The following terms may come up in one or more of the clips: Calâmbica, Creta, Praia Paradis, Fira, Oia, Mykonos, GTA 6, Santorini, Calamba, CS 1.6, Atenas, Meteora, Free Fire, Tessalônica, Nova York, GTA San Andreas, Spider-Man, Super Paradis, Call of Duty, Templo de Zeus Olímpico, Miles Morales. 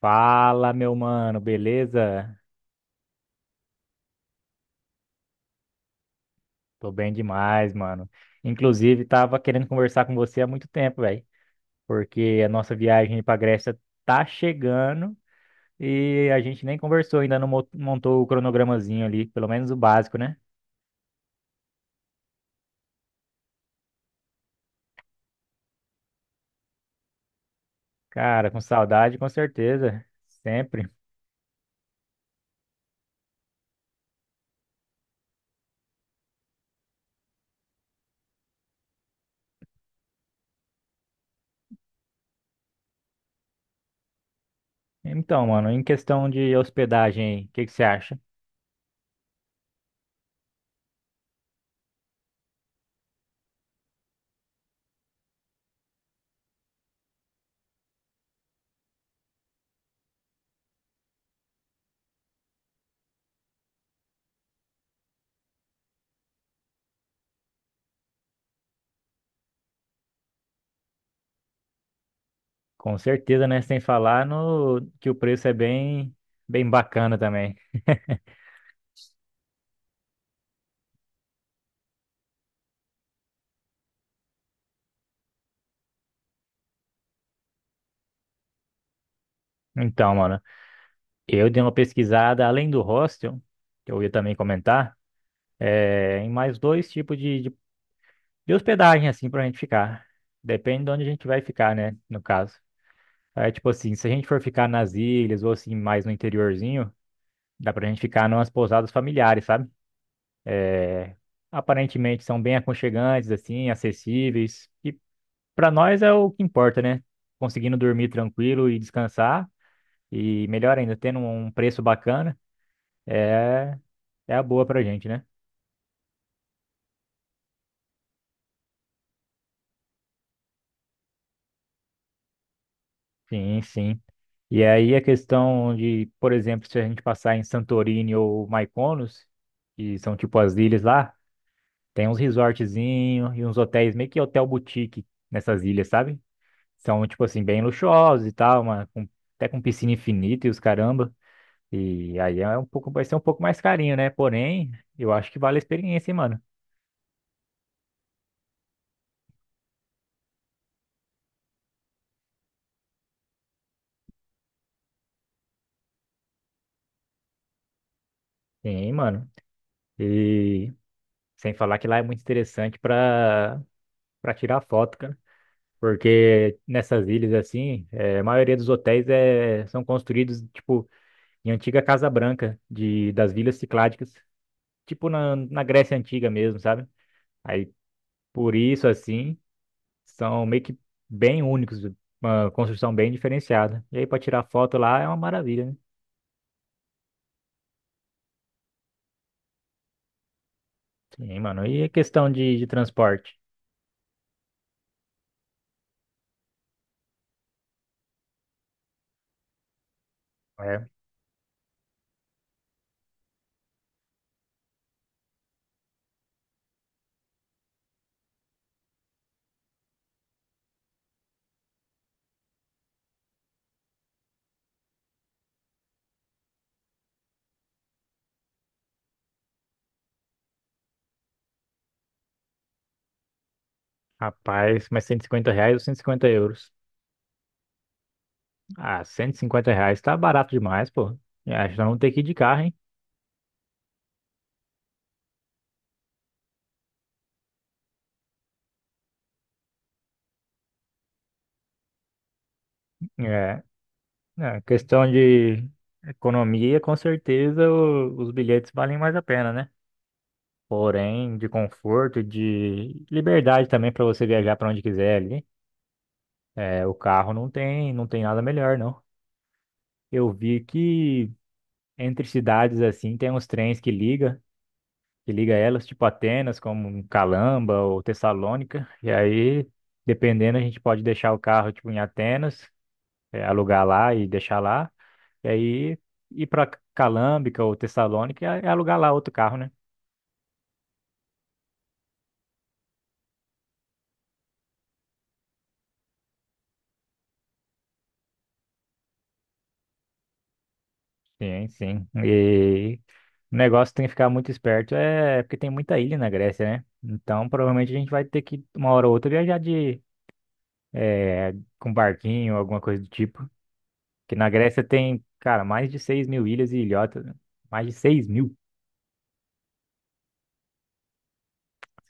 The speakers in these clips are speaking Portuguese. Fala, meu mano, beleza? Tô bem demais, mano. Inclusive, tava querendo conversar com você há muito tempo, velho, porque a nossa viagem pra Grécia tá chegando e a gente nem conversou ainda, não montou o cronogramazinho ali, pelo menos o básico, né? Cara, com saudade, com certeza, sempre. Então, mano, em questão de hospedagem, aí, o que que você acha? Com certeza, né? Sem falar no que o preço é bem, bem bacana também. Então, mano. Eu dei uma pesquisada, além do hostel, que eu ia também comentar, em mais dois tipos de hospedagem, assim, pra gente ficar. Depende de onde a gente vai ficar, né, no caso. É tipo assim, se a gente for ficar nas ilhas ou assim, mais no interiorzinho, dá pra gente ficar numas pousadas familiares, sabe? Aparentemente são bem aconchegantes, assim, acessíveis. E pra nós é o que importa, né? Conseguindo dormir tranquilo e descansar, e melhor ainda, tendo um preço bacana, é, é a boa pra gente, né? Sim, sim. E aí a questão de, por exemplo, se a gente passar em Santorini ou Mykonos, que são tipo as ilhas lá, tem uns resortzinhos e uns hotéis, meio que hotel boutique nessas ilhas, sabe? São, tipo assim, bem luxuosos e tal, uma, até com piscina infinita e os caramba. E aí é um pouco, vai ser um pouco mais carinho, né? Porém, eu acho que vale a experiência, hein, mano. Sim, mano. E sem falar que lá é muito interessante pra, pra tirar foto, cara. Porque nessas ilhas assim, é a maioria dos hotéis é, são construídos tipo em antiga Casa Branca de das vilas cicládicas, tipo na Grécia Antiga mesmo, sabe? Aí por isso assim, são meio que bem únicos, uma construção bem diferenciada. E aí para tirar foto lá é uma maravilha, né? Sim, mano. E a questão de transporte? É, rapaz, mas R$ 150 ou 150 euros? Ah, R$ 150 tá barato demais, pô. Acho que nós vamos ter que ir de carro, hein? É. É, questão de economia, com certeza os bilhetes valem mais a pena, né? Porém, de conforto, de liberdade também para você viajar para onde quiser ali. É, o carro não tem, não tem nada melhor, não. Eu vi que entre cidades assim tem uns trens que liga elas, tipo Atenas, como Calamba ou Tessalônica. E aí, dependendo, a gente pode deixar o carro tipo em Atenas, é, alugar lá e deixar lá. E aí ir para Calâmbica ou Tessalônica e alugar lá outro carro, né? Sim, sim. E o negócio tem que ficar muito esperto é porque tem muita ilha na Grécia, né? Então provavelmente a gente vai ter que, uma hora ou outra, viajar de é, com barquinho, alguma coisa do tipo. Que na Grécia tem, cara, mais de 6 mil ilhas e ilhotas, né? Mais de 6 mil.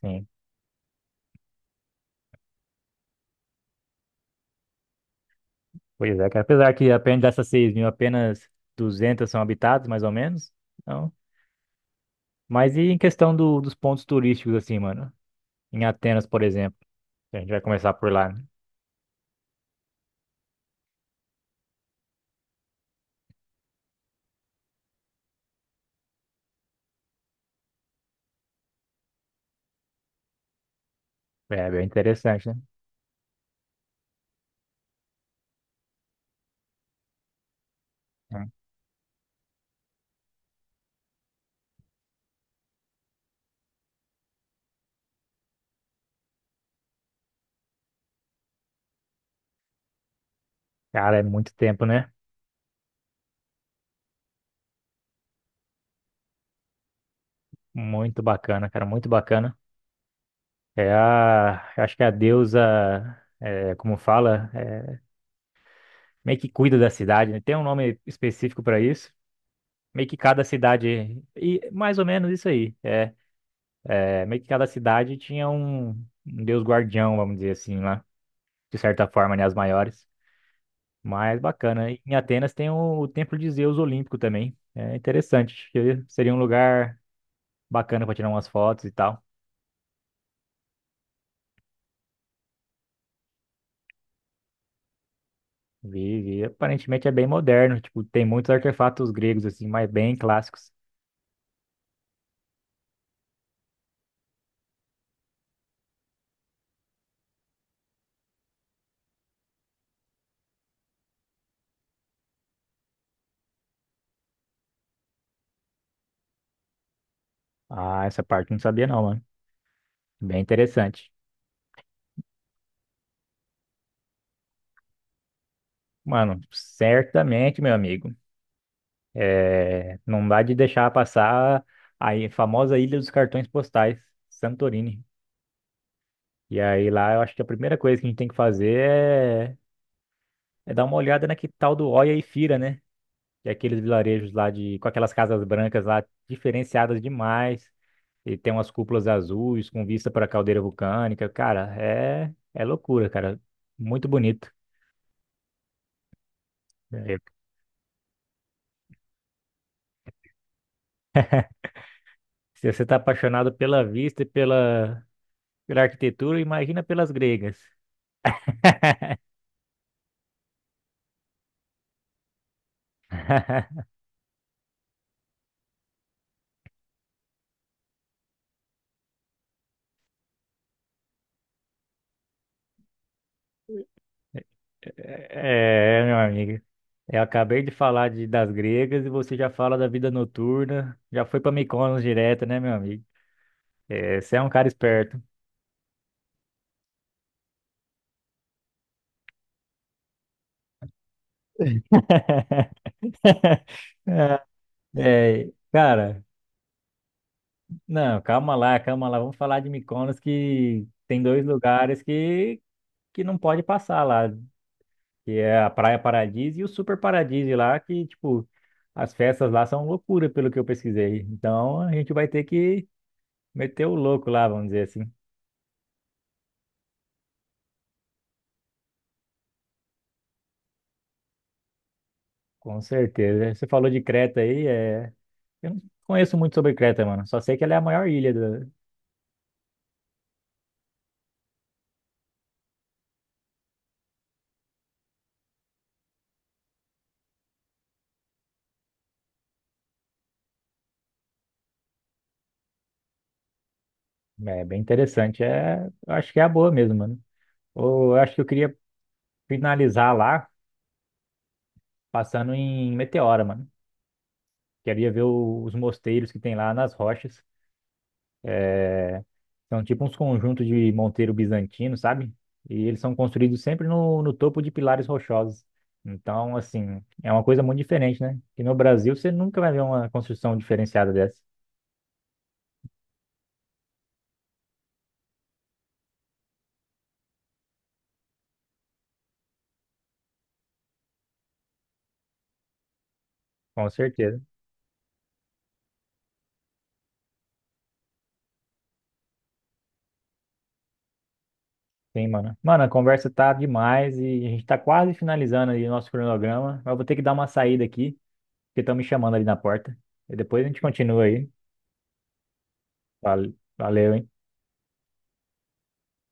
Sim. Pois é, cara. Apesar que apenas dessas 6 mil, apenas 200 são habitadas, mais ou menos. Então, mas e em questão dos pontos turísticos, assim, mano? Em Atenas, por exemplo. A gente vai começar por lá, né? É bem interessante, né? É. Cara, é muito tempo, né? Muito bacana, cara, muito bacana. É a, eu acho que é a deusa, é, como fala, é, meio que cuida da cidade, né? Tem um nome específico para isso. Meio que cada cidade, e mais ou menos isso aí. É, é, meio que cada cidade tinha um deus guardião, vamos dizer assim, lá, de certa forma, né? As maiores. Mas bacana. Em Atenas tem o Templo de Zeus Olímpico também. É interessante. Acho que seria um lugar bacana para tirar umas fotos e tal. Vi, vi. Aparentemente é bem moderno. Tipo, tem muitos artefatos gregos, assim, mas bem clássicos. Ah, essa parte eu não sabia não, mano. Bem interessante. Mano, certamente, meu amigo. É, não dá de deixar passar a famosa Ilha dos Cartões Postais, Santorini. E aí lá eu acho que a primeira coisa que a gente tem que fazer é dar uma olhada na que tal do Oia e Fira, né? Que é aqueles vilarejos lá de, com aquelas casas brancas lá diferenciadas demais. E tem umas cúpulas azuis com vista para a caldeira vulcânica. Cara, é, é loucura, cara. Muito bonito. É. Se você tá apaixonado pela vista e pela, pela arquitetura, imagina pelas gregas. É, meu amigo. Eu acabei de falar de, das gregas e você já fala da vida noturna. Já foi para Mykonos direto, né, meu amigo? É, você é um cara esperto. É, cara, não, calma lá, calma lá. Vamos falar de Mykonos que tem dois lugares que não pode passar lá, que é a Praia Paradis e o Super Paradis lá, que, tipo, as festas lá são loucura, pelo que eu pesquisei. Então, a gente vai ter que meter o louco lá, vamos dizer assim. Com certeza. Você falou de Creta aí, é... Eu não conheço muito sobre Creta, mano. Só sei que ela é a maior ilha do... É bem interessante. É... Eu acho que é a boa mesmo, mano. Ou eu acho que eu queria finalizar lá, passando em Meteora, mano. Queria ver os mosteiros que tem lá nas rochas. É, são tipo uns conjuntos de monteiro bizantino, sabe? E eles são construídos sempre no topo de pilares rochosos. Então, assim, é uma coisa muito diferente, né? Que no Brasil você nunca vai ver uma construção diferenciada dessa. Com certeza. Sim, mano. Mano, a conversa tá demais e a gente tá quase finalizando ali o nosso cronograma. Mas eu vou ter que dar uma saída aqui, porque estão me chamando ali na porta. E depois a gente continua aí. Vale- Valeu, hein?